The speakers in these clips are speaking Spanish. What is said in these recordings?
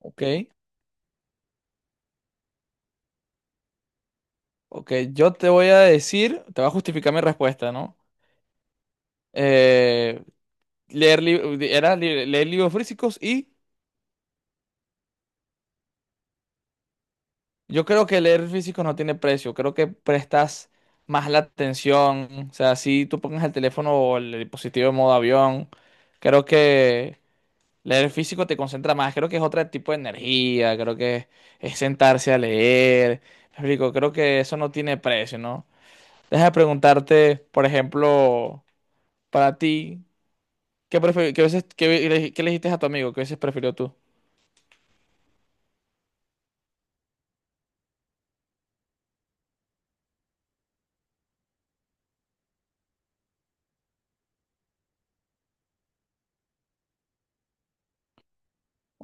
Ok, ok. Yo te voy a decir, te va a justificar mi respuesta, ¿no? Eh, leer li- era li- leer libros físicos y yo creo que leer físicos no tiene precio. Creo que prestas más la atención. O sea, si tú pongas el teléfono o el dispositivo en modo avión, creo que leer físico te concentra más. Creo que es otro tipo de energía. Creo que es sentarse a leer. Me explico, creo que eso no tiene precio, ¿no? Deja de preguntarte, por ejemplo, para ti. Qué veces, qué le dijiste a tu amigo? ¿Qué veces prefirió tú?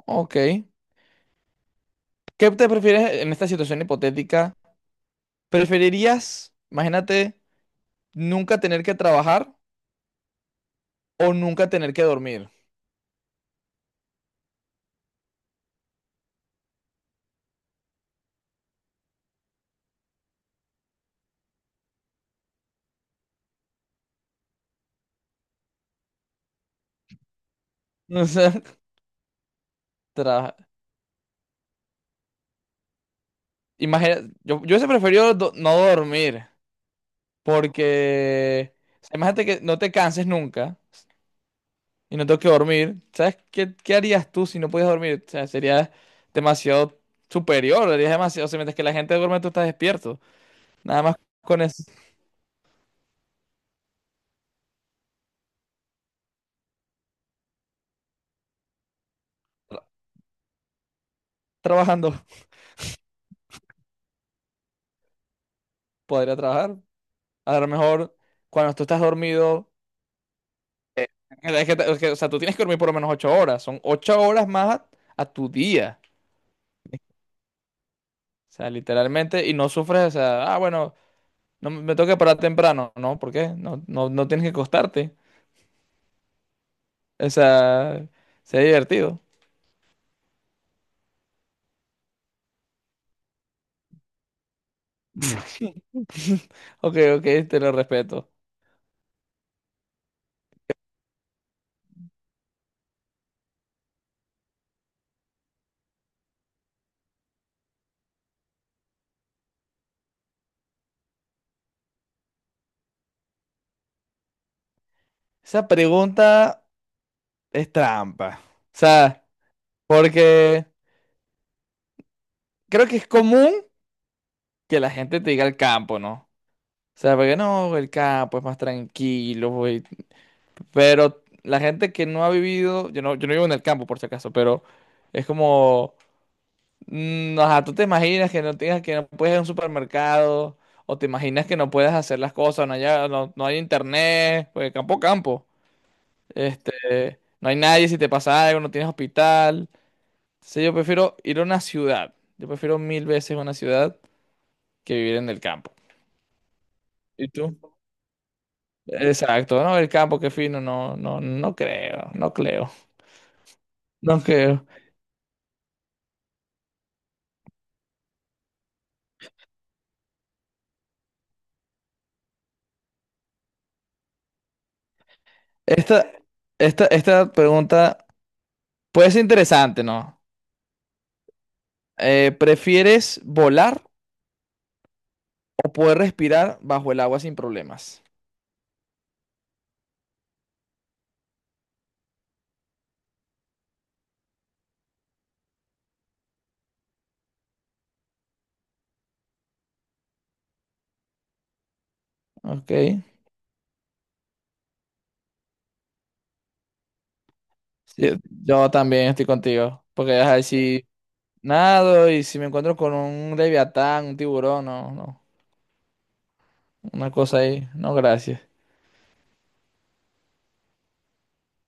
Ok. ¿Qué te prefieres en esta situación hipotética? ¿Preferirías, imagínate, nunca tener que trabajar o nunca tener que dormir? O sea, tra- yo hubiese preferido no dormir, porque o sea, imagínate que no te canses nunca y no tengo que dormir. ¿Sabes qué harías tú si no pudieras dormir? O sea, sería demasiado superior, harías demasiado, o sea, mientras que la gente duerme, tú estás despierto. Nada más con eso, tra- trabajando, podría trabajar. A lo mejor cuando tú estás dormido, eh, es que, o sea, tú tienes que dormir por lo menos ocho horas. Son ocho horas más a tu día. O sea, literalmente, y no sufres, o sea, ah, bueno, no me tengo que parar temprano. No, ¿por qué? No tienes que acostarte. O sea, sería divertido. Ok, te lo respeto. Esa pregunta es trampa. O sea, porque creo que es común que la gente te diga el campo, ¿no? O sea, porque no, el campo es más tranquilo, güey. Pero la gente que no ha vivido, yo no vivo en el campo por si acaso, pero es como, mm, ajá, tú te imaginas que no tengas, que no puedes ir a un supermercado, o te imaginas que no puedes hacer las cosas, no hay internet, pues campo, campo. Este, no hay nadie si te pasa algo, no tienes hospital. Entonces yo prefiero ir a una ciudad. Yo prefiero mil veces una ciudad que vivir en el campo. ¿Y tú? Exacto, no, el campo, qué fino, no, no, no creo, no creo, no creo. Esta, esta pregunta puede ser interesante, ¿no? ¿Prefieres volar o poder respirar bajo el agua sin problemas? Ok, sí, yo también estoy contigo, porque ajá, si nado y si me encuentro con un leviatán, un tiburón, no, no, una cosa ahí, no, gracias.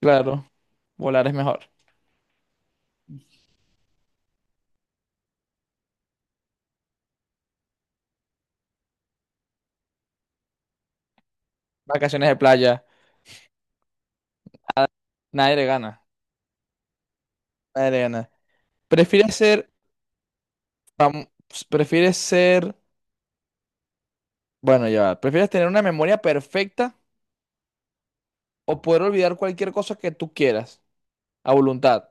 Claro, volar es mejor. Vacaciones de playa, nadie le gana, nadie le gana. ¿Prefieres ser Vam- prefieres ser, bueno, ya, va, prefieres tener una memoria perfecta o poder olvidar cualquier cosa que tú quieras a voluntad?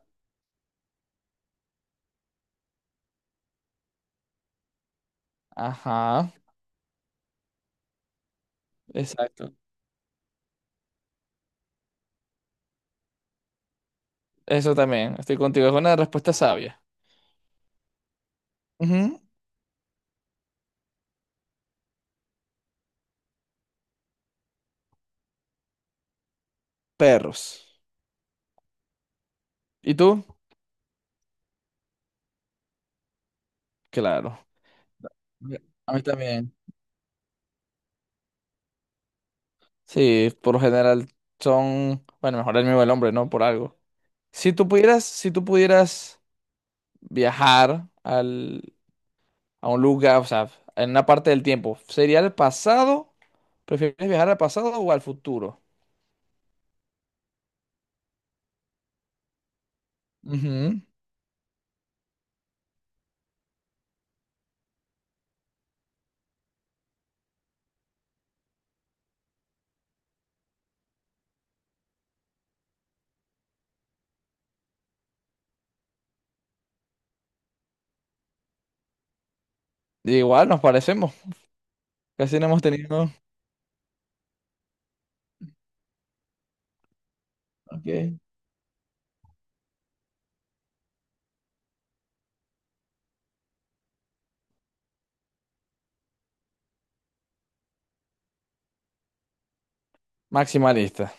Ajá, exacto. Eso también, estoy contigo, es una respuesta sabia. Ujú, perros. ¿Y tú? Claro. A mí también. Sí, por lo general son, bueno, mejor el mismo el hombre, ¿no? Por algo. Si tú pudieras viajar a un lugar, o sea, en una parte del tiempo, ¿sería el pasado? ¿Prefieres viajar al pasado o al futuro? Ujú, igual nos parecemos. Casi no hemos tenido. Ok. Maximalista.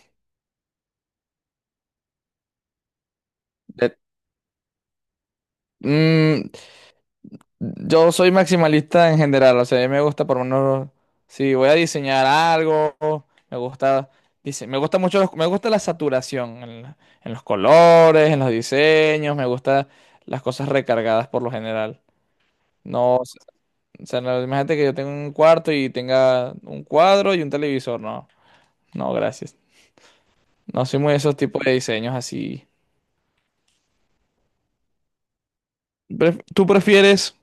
De- Mm, yo soy maximalista en general. O sea, a mí me gusta por lo menos. Si voy a diseñar algo, me gusta. Dice, me gusta mucho. Me gusta la saturación en los colores, en los diseños. Me gusta las cosas recargadas por lo general. No, o sea, no, imagínate que yo tengo un cuarto y tenga un cuadro y un televisor. No, no, gracias. No soy muy de esos tipos de diseños así. ¿Tú prefieres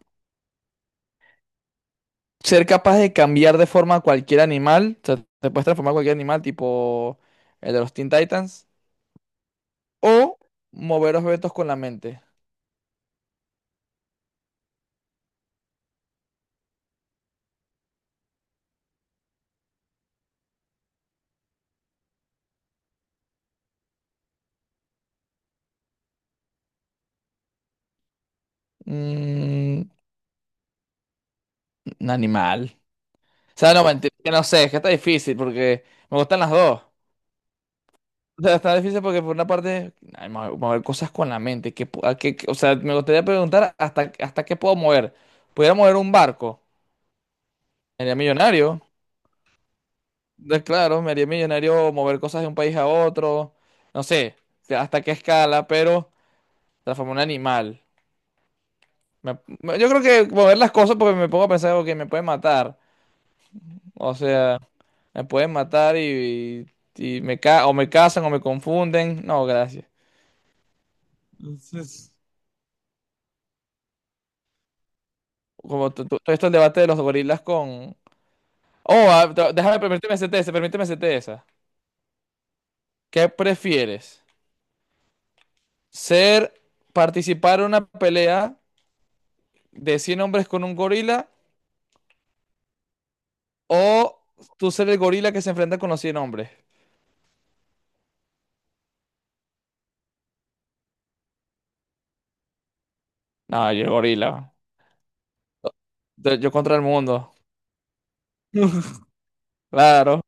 ser capaz de cambiar de forma a cualquier animal? O sea, te puedes transformar en cualquier animal, tipo el de los Teen Titans. O mover objetos con la mente. Mm, un animal. O sea, no, mentira, que no sé, es que está difícil porque me gustan las dos. O sea, está difícil porque por una parte, ay, mover cosas con la mente. ¿Qué pu- a qué- qué- o sea, me gustaría preguntar hasta, hasta qué puedo mover. ¿Pudiera mover un barco? Sería millonario. Claro, me haría millonario mover cosas de un país a otro, no sé hasta qué escala, pero transformar un animal. Yo creo que mover las cosas porque me pongo a pensar, ok, me pueden matar, o sea, me pueden matar y o me casan o me confunden, no, gracias. Entonces, como todo esto el debate de los gorilas con... Oh, ah, déjame, permíteme hacerte esa. ¿Qué prefieres? ¿Ser, participar en una pelea de 100 hombres con un gorila o tú ser el gorila que se enfrenta con los 100 hombres? No, yo el gorila. Yo contra el mundo. Claro,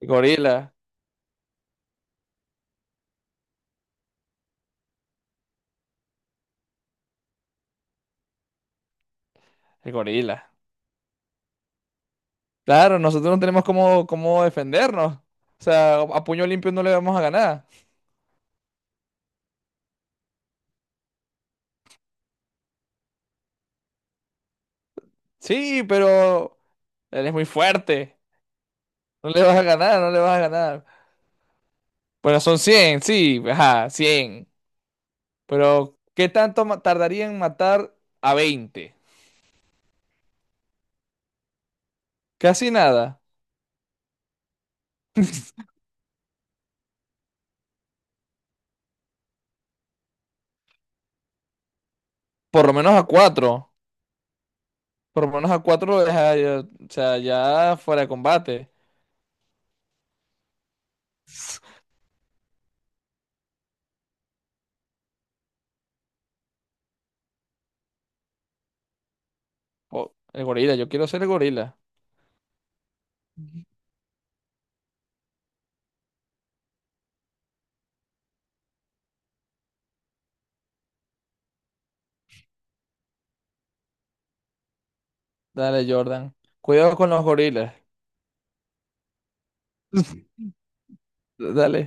el gorila, el gorila. Claro, nosotros no tenemos cómo defendernos. O sea, a puño limpio no le vamos a ganar. Sí, pero él es muy fuerte. No le vas a ganar, no le vas a ganar. Bueno, son 100, sí, ajá, 100. Pero, tardaría en matar a 20? Casi nada. Por lo menos a 4. Por lo menos a cuatro lo deja, ya- o sea, ya fuera de combate. Oh, el gorila, yo quiero ser el gorila. Dale, Jordan. Cuidado con los gorilas. Dale.